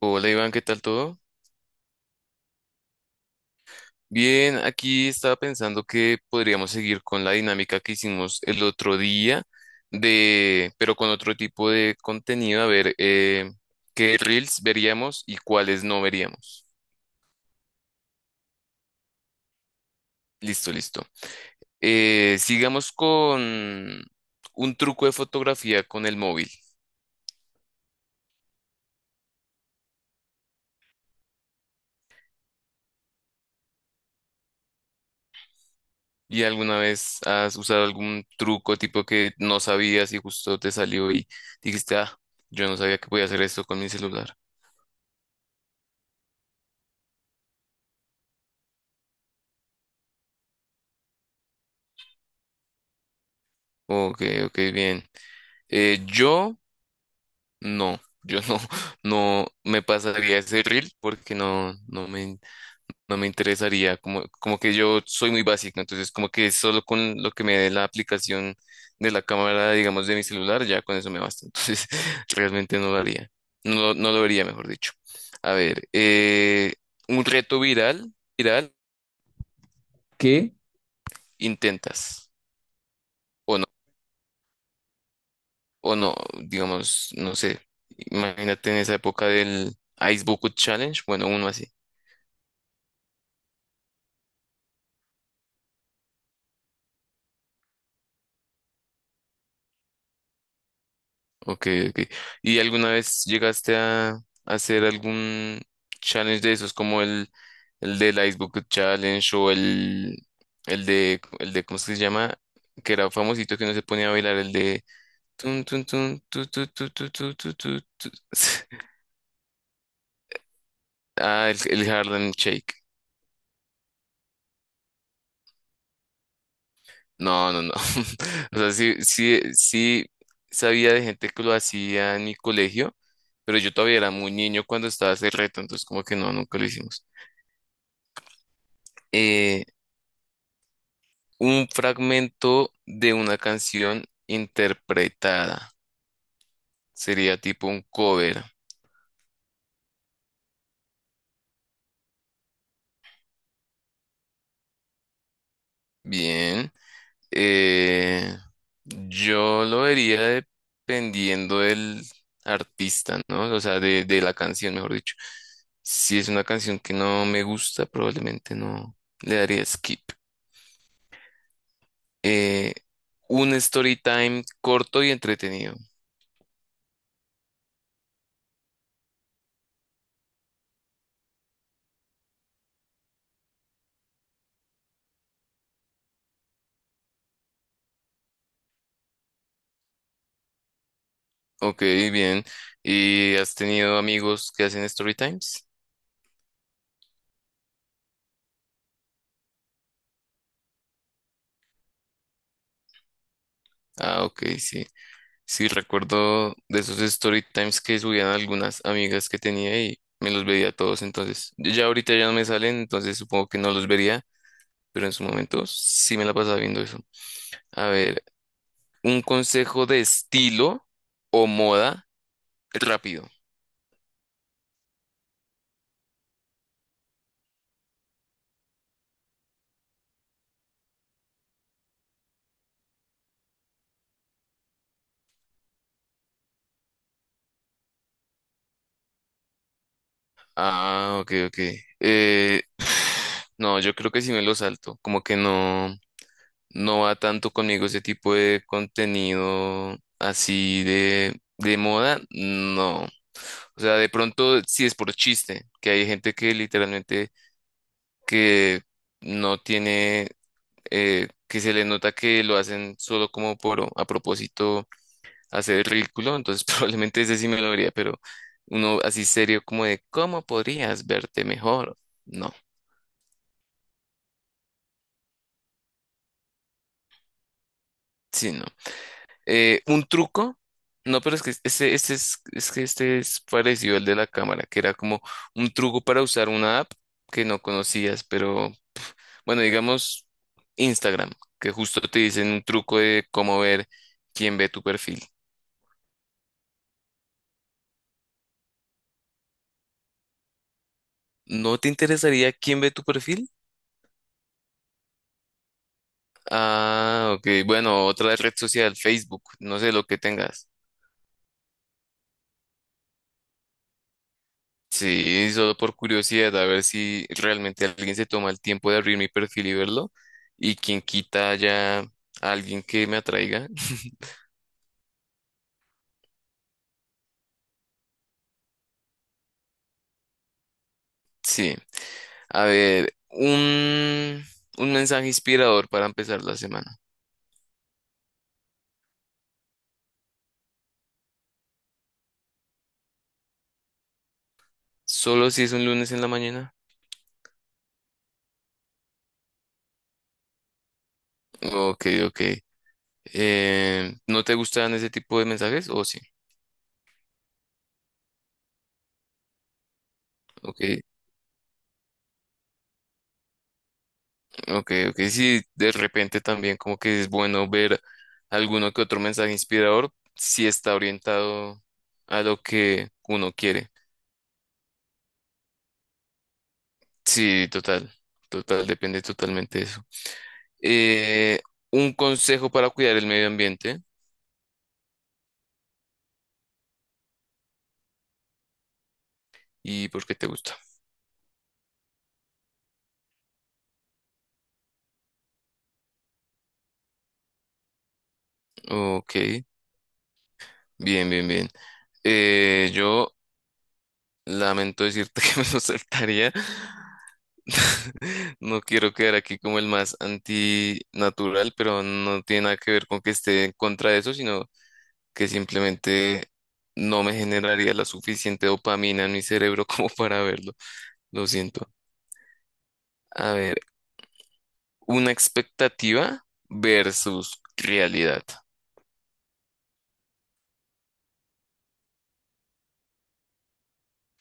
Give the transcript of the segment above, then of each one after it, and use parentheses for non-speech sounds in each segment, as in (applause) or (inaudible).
Hola Iván, ¿qué tal todo? Bien, aquí estaba pensando que podríamos seguir con la dinámica que hicimos el otro día, de, pero con otro tipo de contenido, a ver qué reels veríamos y cuáles no veríamos. Listo, listo. Sigamos con un truco de fotografía con el móvil. ¿Y alguna vez has usado algún truco tipo que no sabías y justo te salió y dijiste, ah, yo no sabía que podía hacer esto con mi celular? Ok, ok, bien. Yo no, yo no, (laughs) no me pasaría ese reel porque no, no me, no me interesaría, como, como que yo soy muy básico, entonces como que solo con lo que me dé la aplicación de la cámara, digamos, de mi celular, ya con eso me basta, (laughs) entonces realmente no lo haría, no, no lo vería, mejor dicho. A ver, un reto viral, viral, ¿qué intentas? O o no, digamos, no sé, imagínate en esa época del Ice Bucket Challenge, bueno, uno así. Ok, ok. ¿Y alguna vez llegaste a hacer algún challenge de esos, como el del Ice Bucket Challenge o el de, cómo es que se llama? Que era famosito que no se ponía a bailar, el de... tun, tun, tun, tu, tu, tu, tu, tu, tu, tu, tu. (laughs) Ah, el Harlem Shake. No, no, no. (laughs) O sea, sí, sí, sí sabía de gente que lo hacía en mi colegio, pero yo todavía era muy niño cuando estaba ese reto, entonces como que no, nunca lo hicimos. Eh, un fragmento de una canción interpretada. Sería tipo un cover. Bien. Eh, yo lo vería dependiendo del artista, ¿no? O sea, de la canción, mejor dicho. Si es una canción que no me gusta, probablemente no le daría skip. Eh, un story time corto y entretenido. Ok, bien. ¿Y has tenido amigos que hacen story times? Ah, ok, sí. Sí, recuerdo de esos story times que subían algunas amigas que tenía y me los veía todos. Entonces, ya ahorita ya no me salen, entonces supongo que no los vería, pero en su momento sí me la pasaba viendo eso. A ver, un consejo de estilo o moda rápido. Ah, ok, ok. Eh, (sighs) no, yo creo que sí me lo salto. Como que no. No va tanto conmigo ese tipo de contenido así de moda, no. O sea, de pronto sí es por chiste, que hay gente que literalmente que no tiene, que se le nota que lo hacen solo como por a propósito hacer el ridículo, entonces (laughs) probablemente ese sí me lo vería, pero uno así serio como de, ¿cómo podrías verte mejor? No, sí, no. Eh, un truco, no, pero es que este es que este es parecido al de la cámara, que era como un truco para usar una app que no conocías, pero bueno, digamos Instagram, que justo te dicen un truco de cómo ver quién ve tu perfil. ¿No te interesaría quién ve tu perfil? Ah, ok, bueno, otra red social, Facebook, no sé lo que tengas. Sí, solo por curiosidad, a ver si realmente alguien se toma el tiempo de abrir mi perfil y verlo. Y quien quita ya a alguien que me atraiga. (laughs) Sí. A ver, un mensaje inspirador para empezar la semana. Solo si es un lunes en la mañana. Ok, ok. ¿No te gustan ese tipo de mensajes? O sí. Ok. Ok, ok, sí, de repente también como que es bueno ver alguno que otro mensaje inspirador si está orientado a lo que uno quiere. Sí, total, total, depende totalmente de eso. Eh, un consejo para cuidar el medio ambiente y por qué te gusta. Ok, bien, bien, bien. Yo lamento decirte (laughs) que me lo saltaría. (laughs) No quiero quedar aquí como el más antinatural, pero no tiene nada que ver con que esté en contra de eso, sino que simplemente no me generaría la suficiente dopamina en mi cerebro (laughs) como para verlo. Lo siento. A ver, una expectativa versus realidad.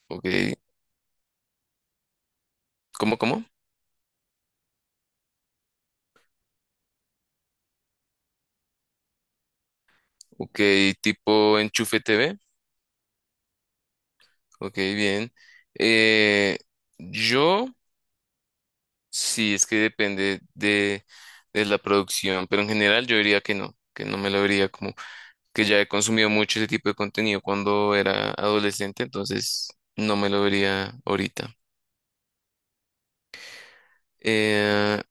Ok, ¿cómo, cómo? Ok, tipo enchufe TV. Ok, bien. Eh, yo. Sí, es que depende de la producción, pero en general yo diría que no me lo vería como que ya he consumido mucho ese tipo de contenido cuando era adolescente, entonces no me lo vería ahorita. Eh,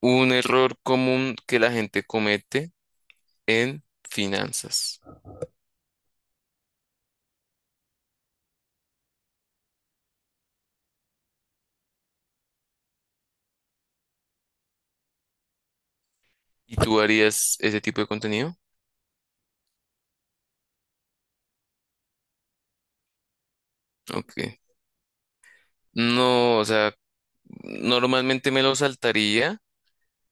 un error común que la gente comete en finanzas. ¿Y tú harías ese tipo de contenido? Ok. No, o sea, normalmente me lo saltaría,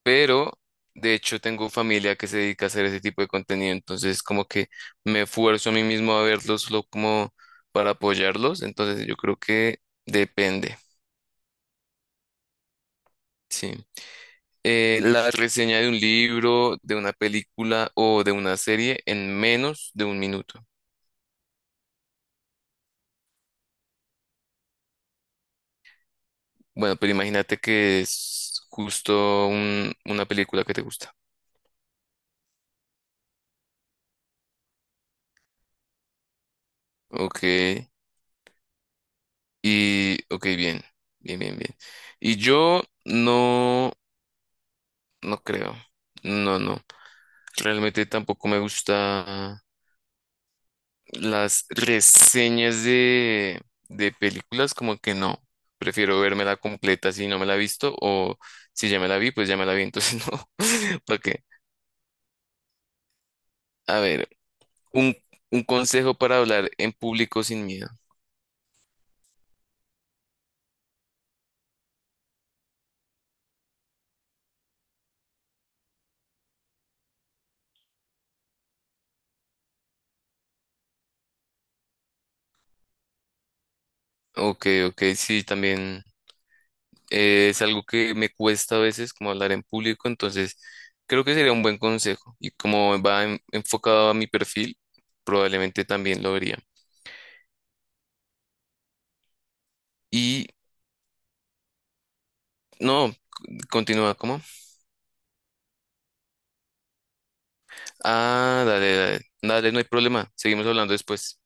pero de hecho tengo familia que se dedica a hacer ese tipo de contenido, entonces como que me esfuerzo a mí mismo a verlos solo como para apoyarlos, entonces yo creo que depende, sí. La reseña de un libro, de una película o de una serie en menos de un minuto. Bueno, pero imagínate que es justo una película que te gusta. Ok, y ok, bien, bien, bien, bien. Y yo no, no creo. No, no. Realmente tampoco me gusta las reseñas de películas, como que no. Prefiero vermela completa si no me la he visto o si ya me la vi, pues ya me la vi, entonces (laughs) no. ¿Para qué? A ver, un, un consejo para hablar en público sin miedo. Ok, ok, sí, también es algo que me cuesta a veces como hablar en público, entonces creo que sería un buen consejo y como va enfocado a mi perfil, probablemente también lo haría. Y no, continúa, ¿cómo? Ah, dale, dale, dale, no hay problema. Seguimos hablando después.